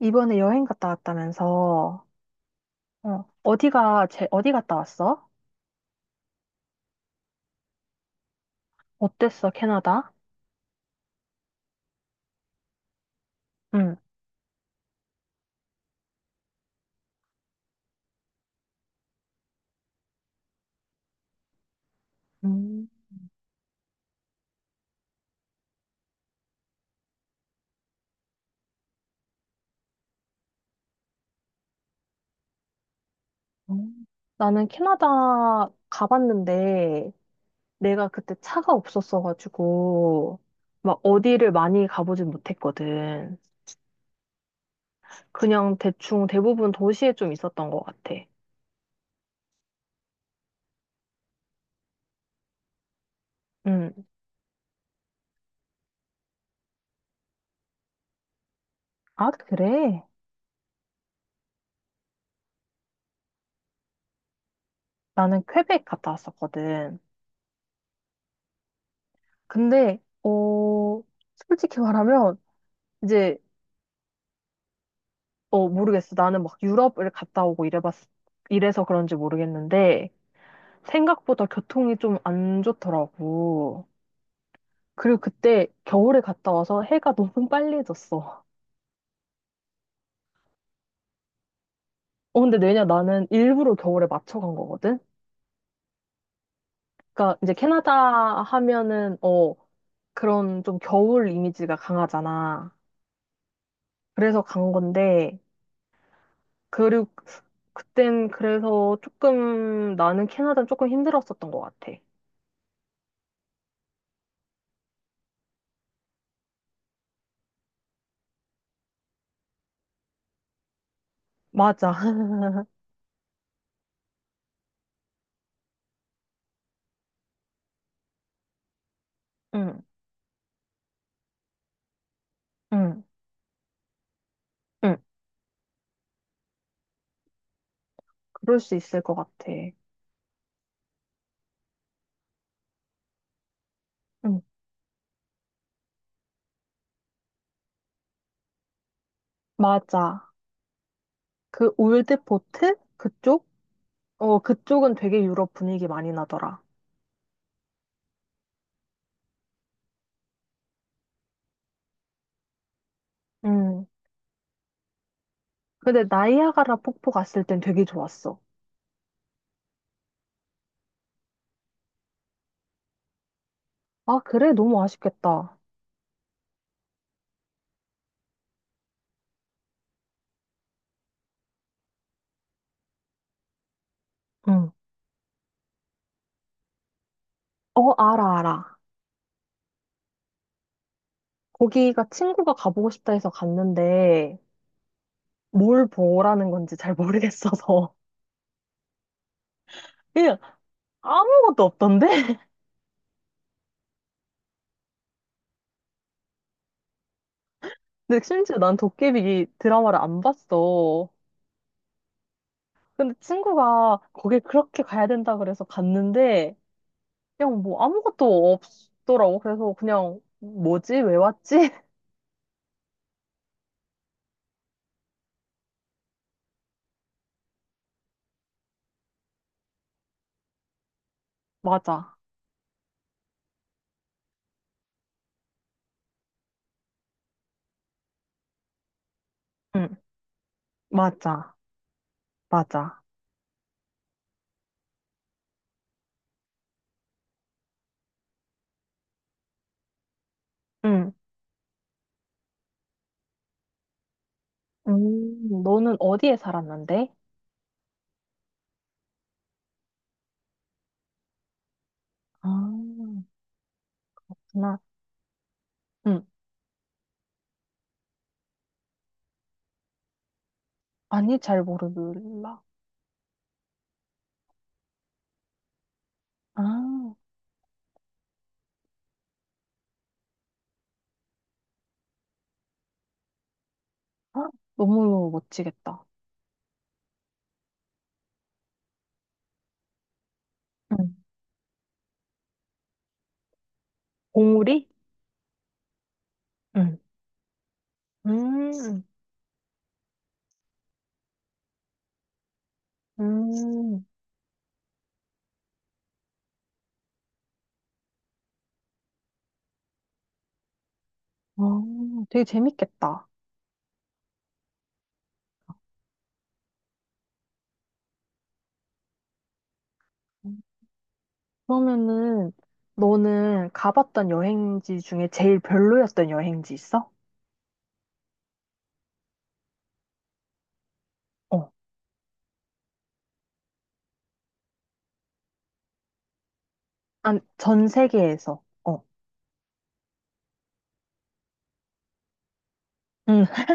이번에 여행 갔다 왔다면서, 어디가, 제, 어디 갔다 왔어? 어땠어, 캐나다? 응. 음, 음. 나는 캐나다 가봤는데, 내가 그때 차가 없었어가지고, 막 어디를 많이 가보진 못했거든. 그냥 대충 대부분 도시에 좀 있었던 것 같아. 응. 아, 그래? 나는 퀘벡 갔다 왔었거든. 근데, 솔직히 말하면, 이제 모르겠어. 나는 막 유럽을 갔다 오고 이래서 그런지 모르겠는데, 생각보다 교통이 좀 안 좋더라고. 그리고 그때 겨울에 갔다 와서 해가 너무 빨리 졌어. 어, 근데 왜냐, 나는 일부러 겨울에 맞춰 간 거거든? 그러니까 이제 캐나다 하면은, 어, 그런 좀 겨울 이미지가 강하잖아. 그래서 간 건데, 그리고 그땐 그래서 조금, 나는 캐나다는 조금 힘들었었던 것 같아. 맞아. 응, 응, 응. 그럴 수 있을 것 같아. 응, 맞아. 그 올드포트? 그쪽? 어, 그쪽은 되게 유럽 분위기 많이 나더라. 응. 근데 나이아가라 폭포 갔을 땐 되게 좋았어. 아, 그래? 너무 아쉽겠다. 응. 어, 알아, 알아. 거기가 친구가 가보고 싶다 해서 갔는데 뭘 보라는 건지 잘 모르겠어서 그냥 아무것도 없던데? 근데 심지어 난 도깨비 드라마를 안 봤어. 근데 친구가 거길 그렇게 가야 된다 그래서 갔는데 그냥 뭐 아무것도 없더라고. 그래서 그냥 뭐지? 왜 왔지? 맞아. 응, 맞아. 맞아. 응. 너는 어디에 살았는데? 아, 나, 응. 아니, 잘 모르겠라 아, 헉, 너무 멋지겠다. 응. 봉우리? 응. 음, 음, 어, 되게 재밌겠다. 그러면은, 너는 가봤던 여행지 중에 제일 별로였던 여행지 있어? 어 아, 전 세계에서. 어. 응.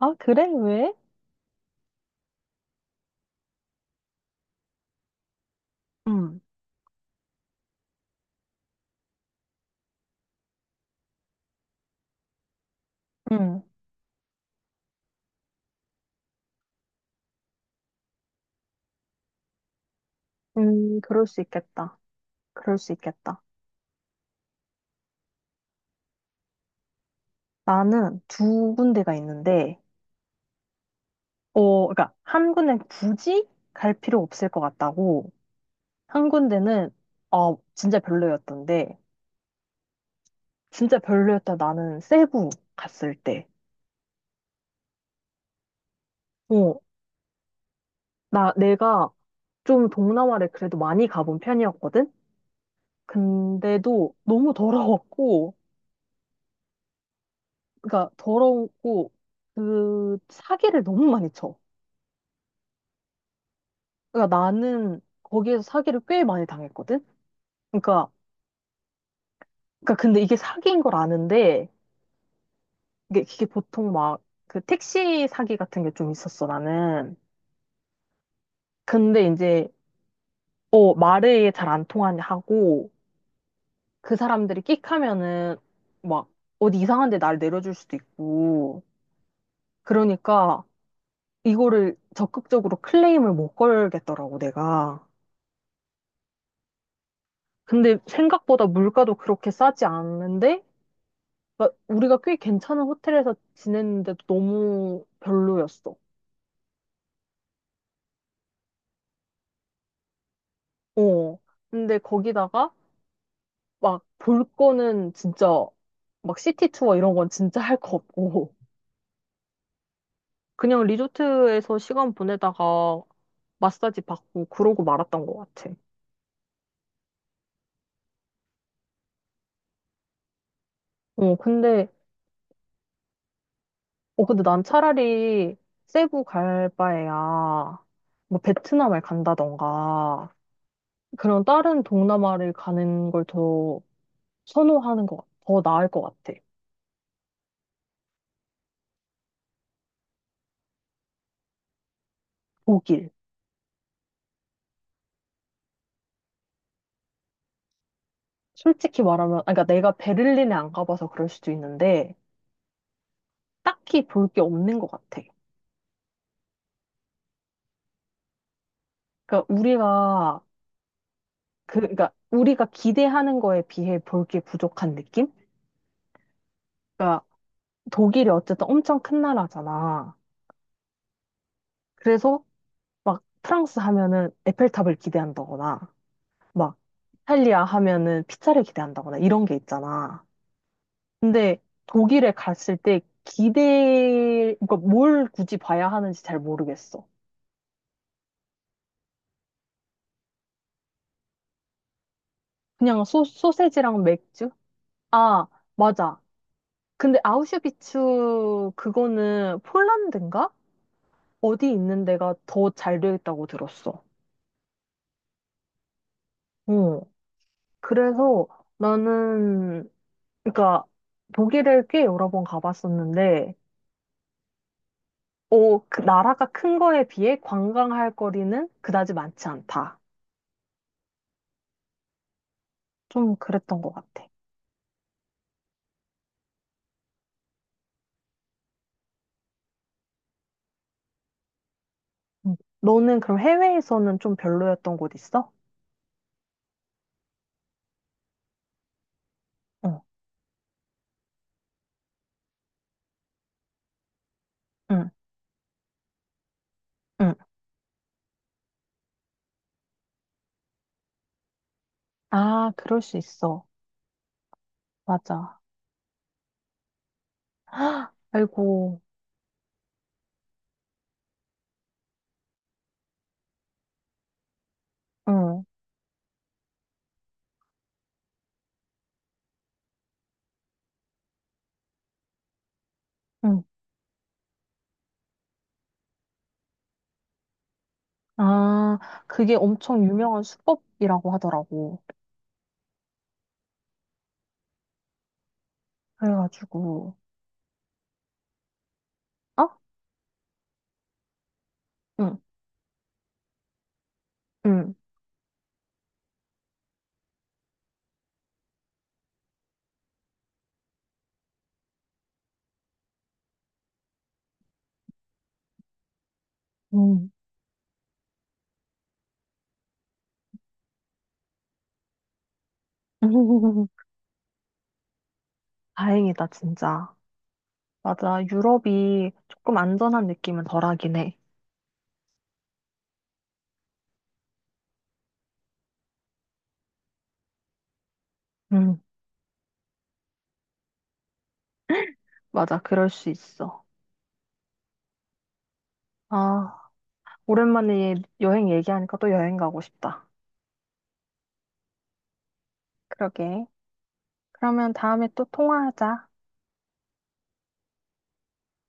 아, 그래? 왜? 음, 음, 그럴 수 있겠다. 그럴 수 있겠다. 나는 두 군데가 있는데, 그러니까 한 군데는 굳이 갈 필요 없을 것 같다고, 한 군데는, 진짜 별로였던데, 진짜 별로였다. 나는 세부 갔을 때, 어, 내가 좀 동남아를 그래도 많이 가본 편이었거든? 근데도 너무 더러웠고, 그러니까 더럽고 그 사기를 너무 많이 쳐. 그러니까 나는 거기에서 사기를 꽤 많이 당했거든. 그러니까 그러니까 근데 이게 사기인 걸 아는데 이게 보통 막 그 택시 사기 같은 게 좀 있었어 나는. 근데 이제 어 말을 잘 안 통하냐 하고 그 사람들이 끽 하면은 막 어디 이상한 데날 내려줄 수도 있고 그러니까 이거를 적극적으로 클레임을 못 걸겠더라고 내가. 근데 생각보다 물가도 그렇게 싸지 않는데, 그러니까 우리가 꽤 괜찮은 호텔에서 지냈는데도 너무 별로였어. 어. 근데 거기다가 막 볼 거는 진짜 막 시티 투어 이런 건 진짜 할 거 없고, 그냥 리조트에서 시간 보내다가 마사지 받고 그러고 말았던 것 같아. 어, 근데, 근데 난 차라리 세부 갈 바에야 뭐 베트남을 간다던가, 그런 다른 동남아를 가는 걸 더 선호하는 것, 같- 더 나을 것 같아. 독일. 솔직히 말하면, 아, 그러니까 내가 베를린에 안 가봐서 그럴 수도 있는데, 딱히 볼 게 없는 것 같아. 그러니까 우리가, 그러니까 우리가 기대하는 거에 비해 볼 게 부족한 느낌? 그러니까 독일이 어쨌든 엄청 큰 나라잖아. 그래서 막 프랑스 하면은 에펠탑을 기대한다거나, 막 이탈리아 하면은 피자를 기대한다거나 이런 게 있잖아. 근데 독일에 갔을 때 기대, 그러니까 뭘 굳이 봐야 하는지 잘 모르겠어. 그냥 소세지랑 맥주? 아, 맞아. 근데 아우슈비츠 그거는 폴란드인가? 어디 있는 데가 더 잘 되어 있다고 들었어. 어. 그래서 나는, 그러니까 독일을 꽤 여러 번 가봤었는데, 어, 그 나라가 큰 거에 비해 관광할 거리는 그다지 많지 않다. 좀 그랬던 것 같아. 응. 너는 그럼 해외에서는 좀 별로였던 곳 있어? 응, 응, 응. 아, 그럴 수 있어. 맞아. 헉, 아이고, 응, 응. 아, 그게 엄청 유명한 수법이라고 하더라고. 그래가지고, 어? 응, 응, 응. 다행이다, 진짜. 맞아. 유럽이 조금 안전한 느낌은 덜하긴 해. 응, 맞아. 그럴 수 있어. 아, 오랜만에 여행 얘기하니까 또 여행 가고 싶다. 그러게. 그러면 다음에 또 통화하자.